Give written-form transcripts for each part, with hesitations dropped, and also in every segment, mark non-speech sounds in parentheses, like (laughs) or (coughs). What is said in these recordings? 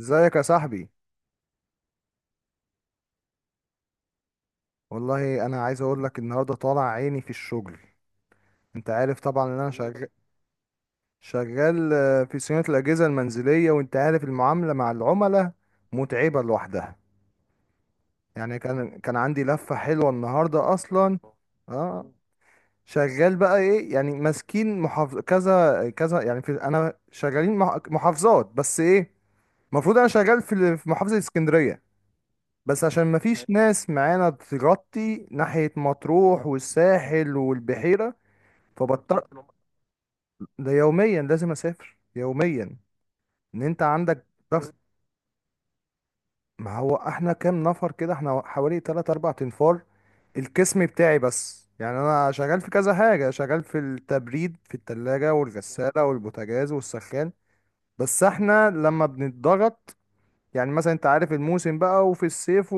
ازيك يا صاحبي؟ والله انا عايز اقول لك، النهارده طالع عيني في الشغل. انت عارف طبعا ان انا شغال، في صيانه الاجهزه المنزليه، وانت عارف المعامله مع العملاء متعبه لوحدها. يعني كان عندي لفه حلوه النهارده اصلا. اه، شغال بقى ايه، يعني ماسكين محافظ كذا كذا. يعني في، انا شغالين محافظات، بس ايه، المفروض انا شغال في محافظه اسكندريه، بس عشان مفيش ناس معانا تغطي ناحية مطروح والساحل والبحيرة. فبضطر، ده يوميا لازم اسافر يوميا. ان انت عندك ضغط. ما هو احنا كام نفر كده؟ احنا حوالي 3 4 انفار القسم بتاعي بس. يعني انا شغال في كذا حاجة، شغال في التبريد، في التلاجة والغسالة والبوتاجاز والسخان. بس احنا لما بنتضغط، يعني مثلا انت عارف الموسم بقى وفي الصيف،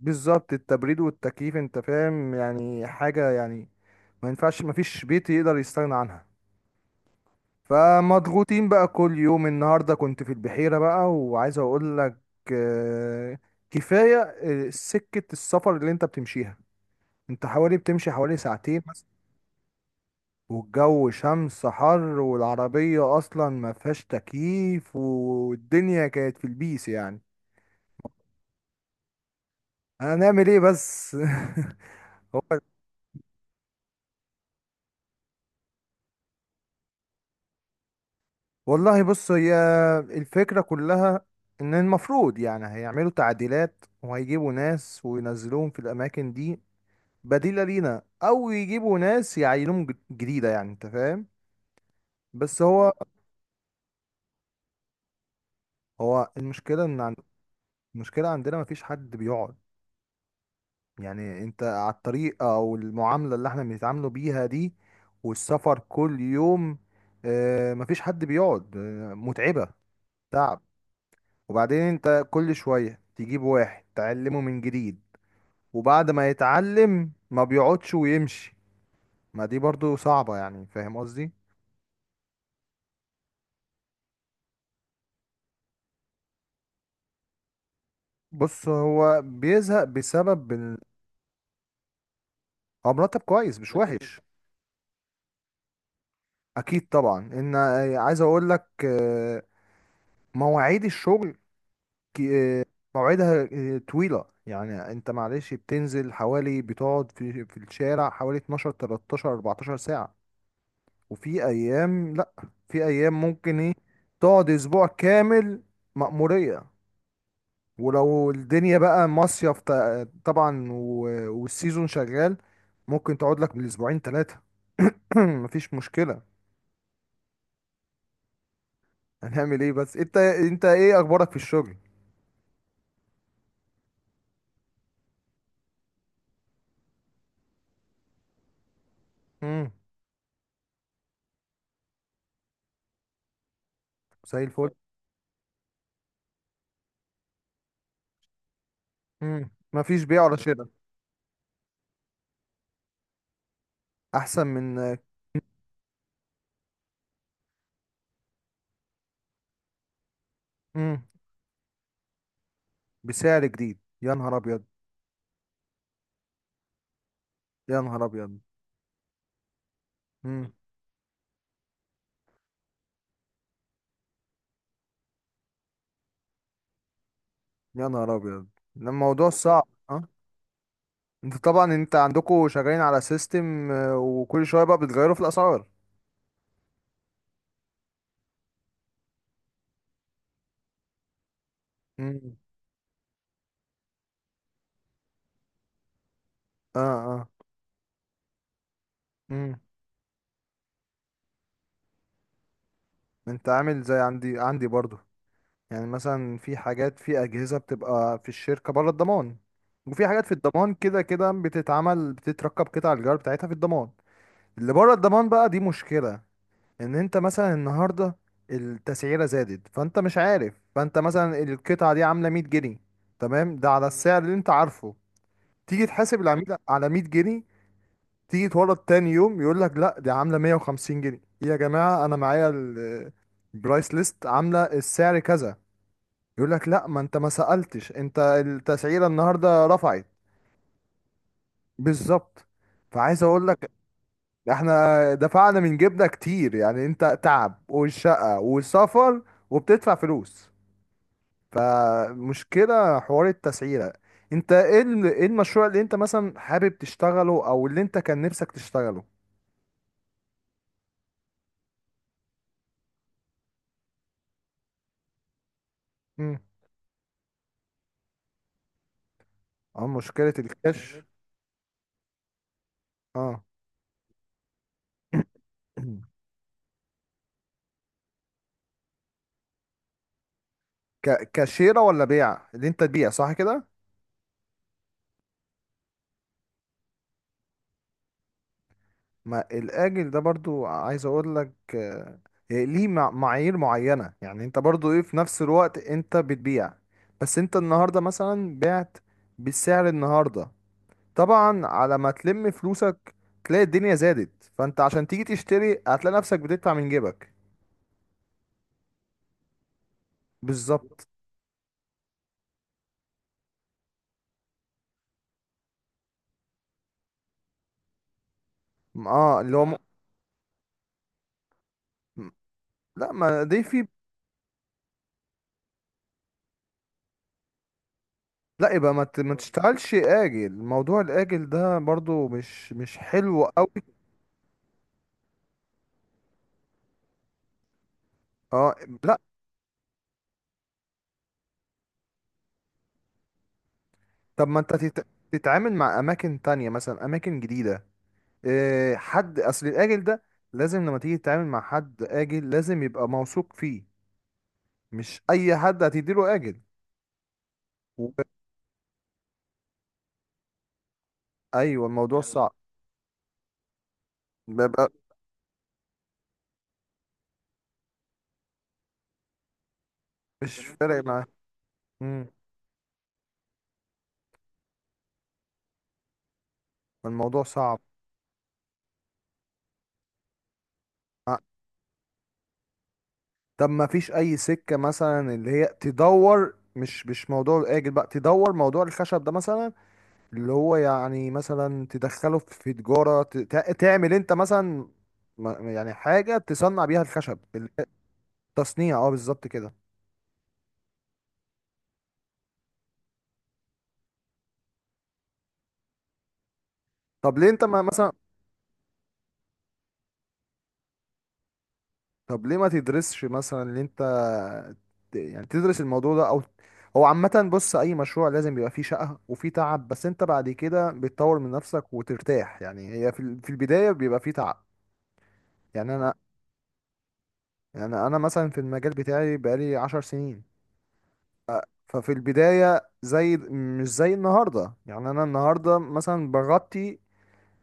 بالظبط التبريد والتكييف، انت فاهم يعني حاجة يعني، ما ينفعش، ما فيش بيت يقدر يستغنى عنها. فمضغوطين بقى كل يوم. النهاردة كنت في البحيرة بقى، وعايز اقول لك آه، كفاية. سكة السفر اللي انت بتمشيها، انت حوالي بتمشي حوالي ساعتين مثلا، والجو شمس حر، والعربية اصلا ما فيهاش تكييف، والدنيا كانت في البيس يعني. هنعمل ايه بس؟ (laughs) هو والله بص، هي الفكرة كلها ان المفروض يعني هيعملوا تعديلات وهيجيبوا ناس وينزلوهم في الاماكن دي بديلة لينا، او يجيبوا ناس يعينوهم جديدة، يعني انت فاهم. بس هو، هو المشكلة ان المشكلة عندنا مفيش حد بيقعد. يعني انت على الطريقة او المعاملة اللي احنا بنتعاملوا بيها دي، والسفر كل يوم، مفيش حد بيقعد، متعبة، تعب. وبعدين انت كل شوية تجيب واحد تعلمه من جديد، وبعد ما يتعلم ما بيقعدش ويمشي. ما دي برضو صعبة، يعني فاهم قصدي. بص، هو بيزهق بسبب إن- هو مرتب كويس مش وحش. اكيد طبعا، ان عايز اقول لك مواعيد الشغل كي- آه، مواعيدها طويلة. يعني انت معلش بتنزل حوالي، بتقعد في الشارع حوالي 12 13 14 ساعة. وفي ايام لا، في ايام ممكن ايه تقعد اسبوع كامل، مأمورية. ولو الدنيا بقى مصيف طبعا، والسيزون شغال، ممكن تقعد لك بالاسبوعين ثلاثة. (coughs) (clears throat) مفيش مشكلة. هنعمل ايه بس؟ انت، انت ايه اخبارك في الشغل؟ امم. زي الفل. امم. مفيش بيع ولا شراء. احسن من. امم. بسعر جديد، يا نهار ابيض. يا نهار ابيض. امم. يا نهار ابيض. ده الموضوع صعب اه. انت طبعا انت عندكم شغالين على سيستم، وكل شوية بقى بتغيروا في الاسعار. امم. اه. اه. انت عامل زي عندي برضو. يعني مثلا في حاجات، في اجهزه بتبقى في الشركه بره الضمان، وفي حاجات في الضمان، كده كده بتتعمل، بتتركب قطع الغيار بتاعتها في الضمان. اللي بره الضمان بقى دي مشكله، ان انت مثلا النهارده التسعيره زادت، فانت مش عارف. فانت مثلا القطعه دي عامله 100 جنيه، تمام، ده على السعر اللي انت عارفه. تيجي تحاسب العميل على 100 جنيه، تيجي تورد تاني يوم، يقول لك لا دي عامله 150 جنيه. إيه يا جماعه؟ انا معايا البرايس ليست عامله السعر كذا. يقول لك لا، ما انت ما سألتش، انت التسعيرة النهاردة رفعت. بالظبط. فعايز اقول لك احنا دفعنا من جيبنا كتير. يعني انت تعب، والشقة، والسفر، وبتدفع فلوس. فمشكلة حوار التسعيرة. انت ايه، ايه المشروع اللي انت مثلا حابب تشتغله او اللي انت كان نفسك تشتغله؟ امم. اه، مشكلة الكاش. اه. (clears throat) كاشيرة ولا بيع، اللي انت تبيع صح كده. ما الاجل ده برضو، عايز اقول لك ليه معايير معينة. يعني انت برضو ايه، في نفس الوقت انت بتبيع، بس انت النهاردة مثلا بعت بالسعر النهاردة، طبعا على ما تلم فلوسك تلاقي الدنيا زادت، فانت عشان تيجي تشتري هتلاقي نفسك بتدفع من جيبك. بالظبط. اه اللي هو لا. م- لا، ما دي في. لا، يبقى ما ما تشتغلش اجل. موضوع الاجل ده برضو مش مش حلو قوي. اه، لا. طب ما انت تتعامل مع اماكن تانية، مثلا اماكن جديدة. إيه، حد اصل الاجل ده لازم لما تيجي تتعامل مع حد اجل لازم يبقى موثوق فيه، مش اي حد هتديله اجل. و... ايوه، الموضوع صعب. بيبقى مش فارق معاه. امم. الموضوع صعب. آه، طب ما فيش اي سكة مثلا اللي هي تدور، مش مش موضوع الاجل بقى، تدور موضوع الخشب ده مثلا، اللي هو يعني مثلا تدخله في تجارة تعمل انت مثلا يعني حاجة تصنع بيها الخشب. التصنيع اه، بالظبط كده. طب ليه انت ما مثلا، طب ليه ما تدرسش مثلا اللي انت يعني تدرس الموضوع ده او. هو عامة، بص، اي مشروع لازم بيبقى فيه شقة وفيه تعب، بس انت بعد كده بتطور من نفسك وترتاح. يعني هي في البداية بيبقى فيه تعب. يعني انا، يعني انا مثلا في المجال بتاعي بقالي 10 سنين. ففي البداية زي مش زي النهاردة. يعني أنا النهاردة مثلا بغطي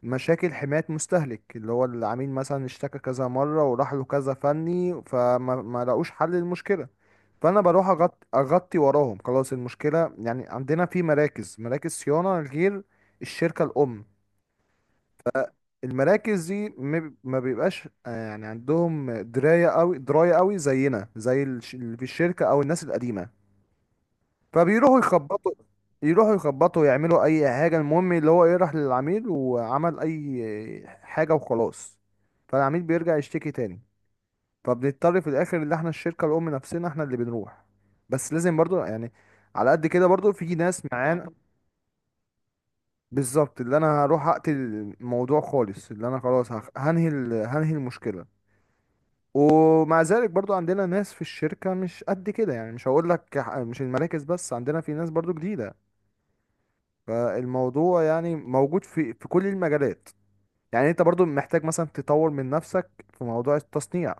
مشاكل حماية مستهلك، اللي هو العميل مثلا اشتكى كذا مرة وراح له كذا فني فما ما لقوش حل للمشكلة. فأنا بروح أغطي, وراهم، خلاص المشكلة. يعني عندنا في مراكز صيانة غير الشركة الأم. المراكز دي ما بيبقاش يعني عندهم دراية أوي، دراية أوي زينا، زي اللي في الشركة أو الناس القديمة. فبيروحوا يخبطوا، يروحوا يخبطوا، يعملوا اي حاجه، المهم اللي هو ايه، راح للعميل وعمل اي حاجه وخلاص. فالعميل بيرجع يشتكي تاني. فبنضطر في الاخر اللي احنا الشركه الام نفسنا احنا اللي بنروح. بس لازم برضو يعني على قد كده برضو في ناس معانا. بالظبط، اللي انا هروح اقتل الموضوع خالص، اللي انا خلاص هنهي المشكله. ومع ذلك برضو عندنا ناس في الشركه مش قد كده. يعني مش هقول لك مش المراكز بس، عندنا في ناس برضو جديده. فالموضوع يعني موجود في كل المجالات. يعني انت برضو محتاج مثلا تطور من نفسك في موضوع التصنيع.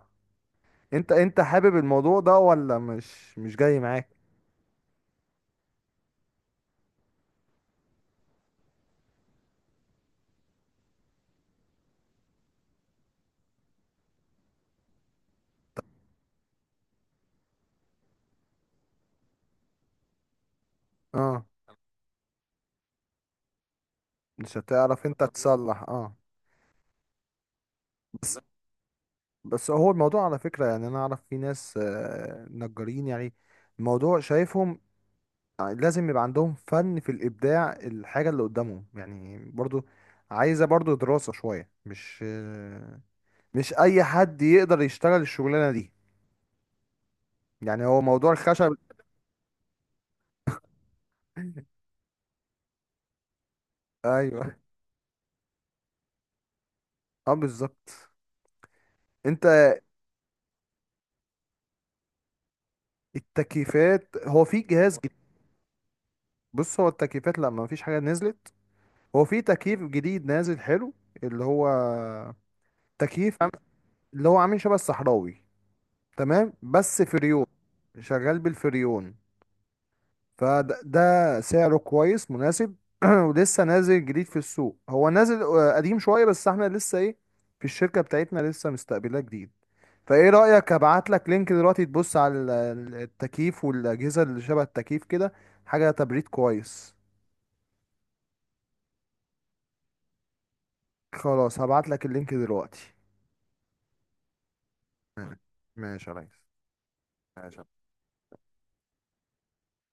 انت، انت حابب الموضوع ده ولا مش مش جاي معاك؟ اه، مش هتعرف انت تصلح. اه. بس، بس هو الموضوع على فكرة، يعني انا اعرف في ناس نجارين. يعني الموضوع شايفهم لازم يبقى عندهم فن في الابداع، الحاجة اللي قدامهم يعني برضو عايزة برضو دراسة شوية، مش مش اي حد يقدر يشتغل الشغلانة دي، يعني هو موضوع الخشب. (laughs) ايوه. اه بالظبط. انت التكييفات، هو في جهاز جديد. بص، هو التكييفات لا، ما فيش حاجه نزلت. هو في تكييف جديد نازل حلو، اللي هو تكييف اللي هو عامل شبه الصحراوي، تمام، بس فريون، شغال بالفريون. فده ده سعره كويس مناسب. (clears throat) ولسه نازل جديد في السوق. هو نازل قديم شويه، بس احنا لسه ايه، في الشركه بتاعتنا لسه مستقبلاه جديد. فايه رأيك ابعت لك لينك دلوقتي تبص على التكييف والأجهزة اللي شبه التكييف كده، حاجة تبريد كويس. خلاص هبعت لك اللينك دلوقتي. ماشي. ماشي يا ريس. ماشي.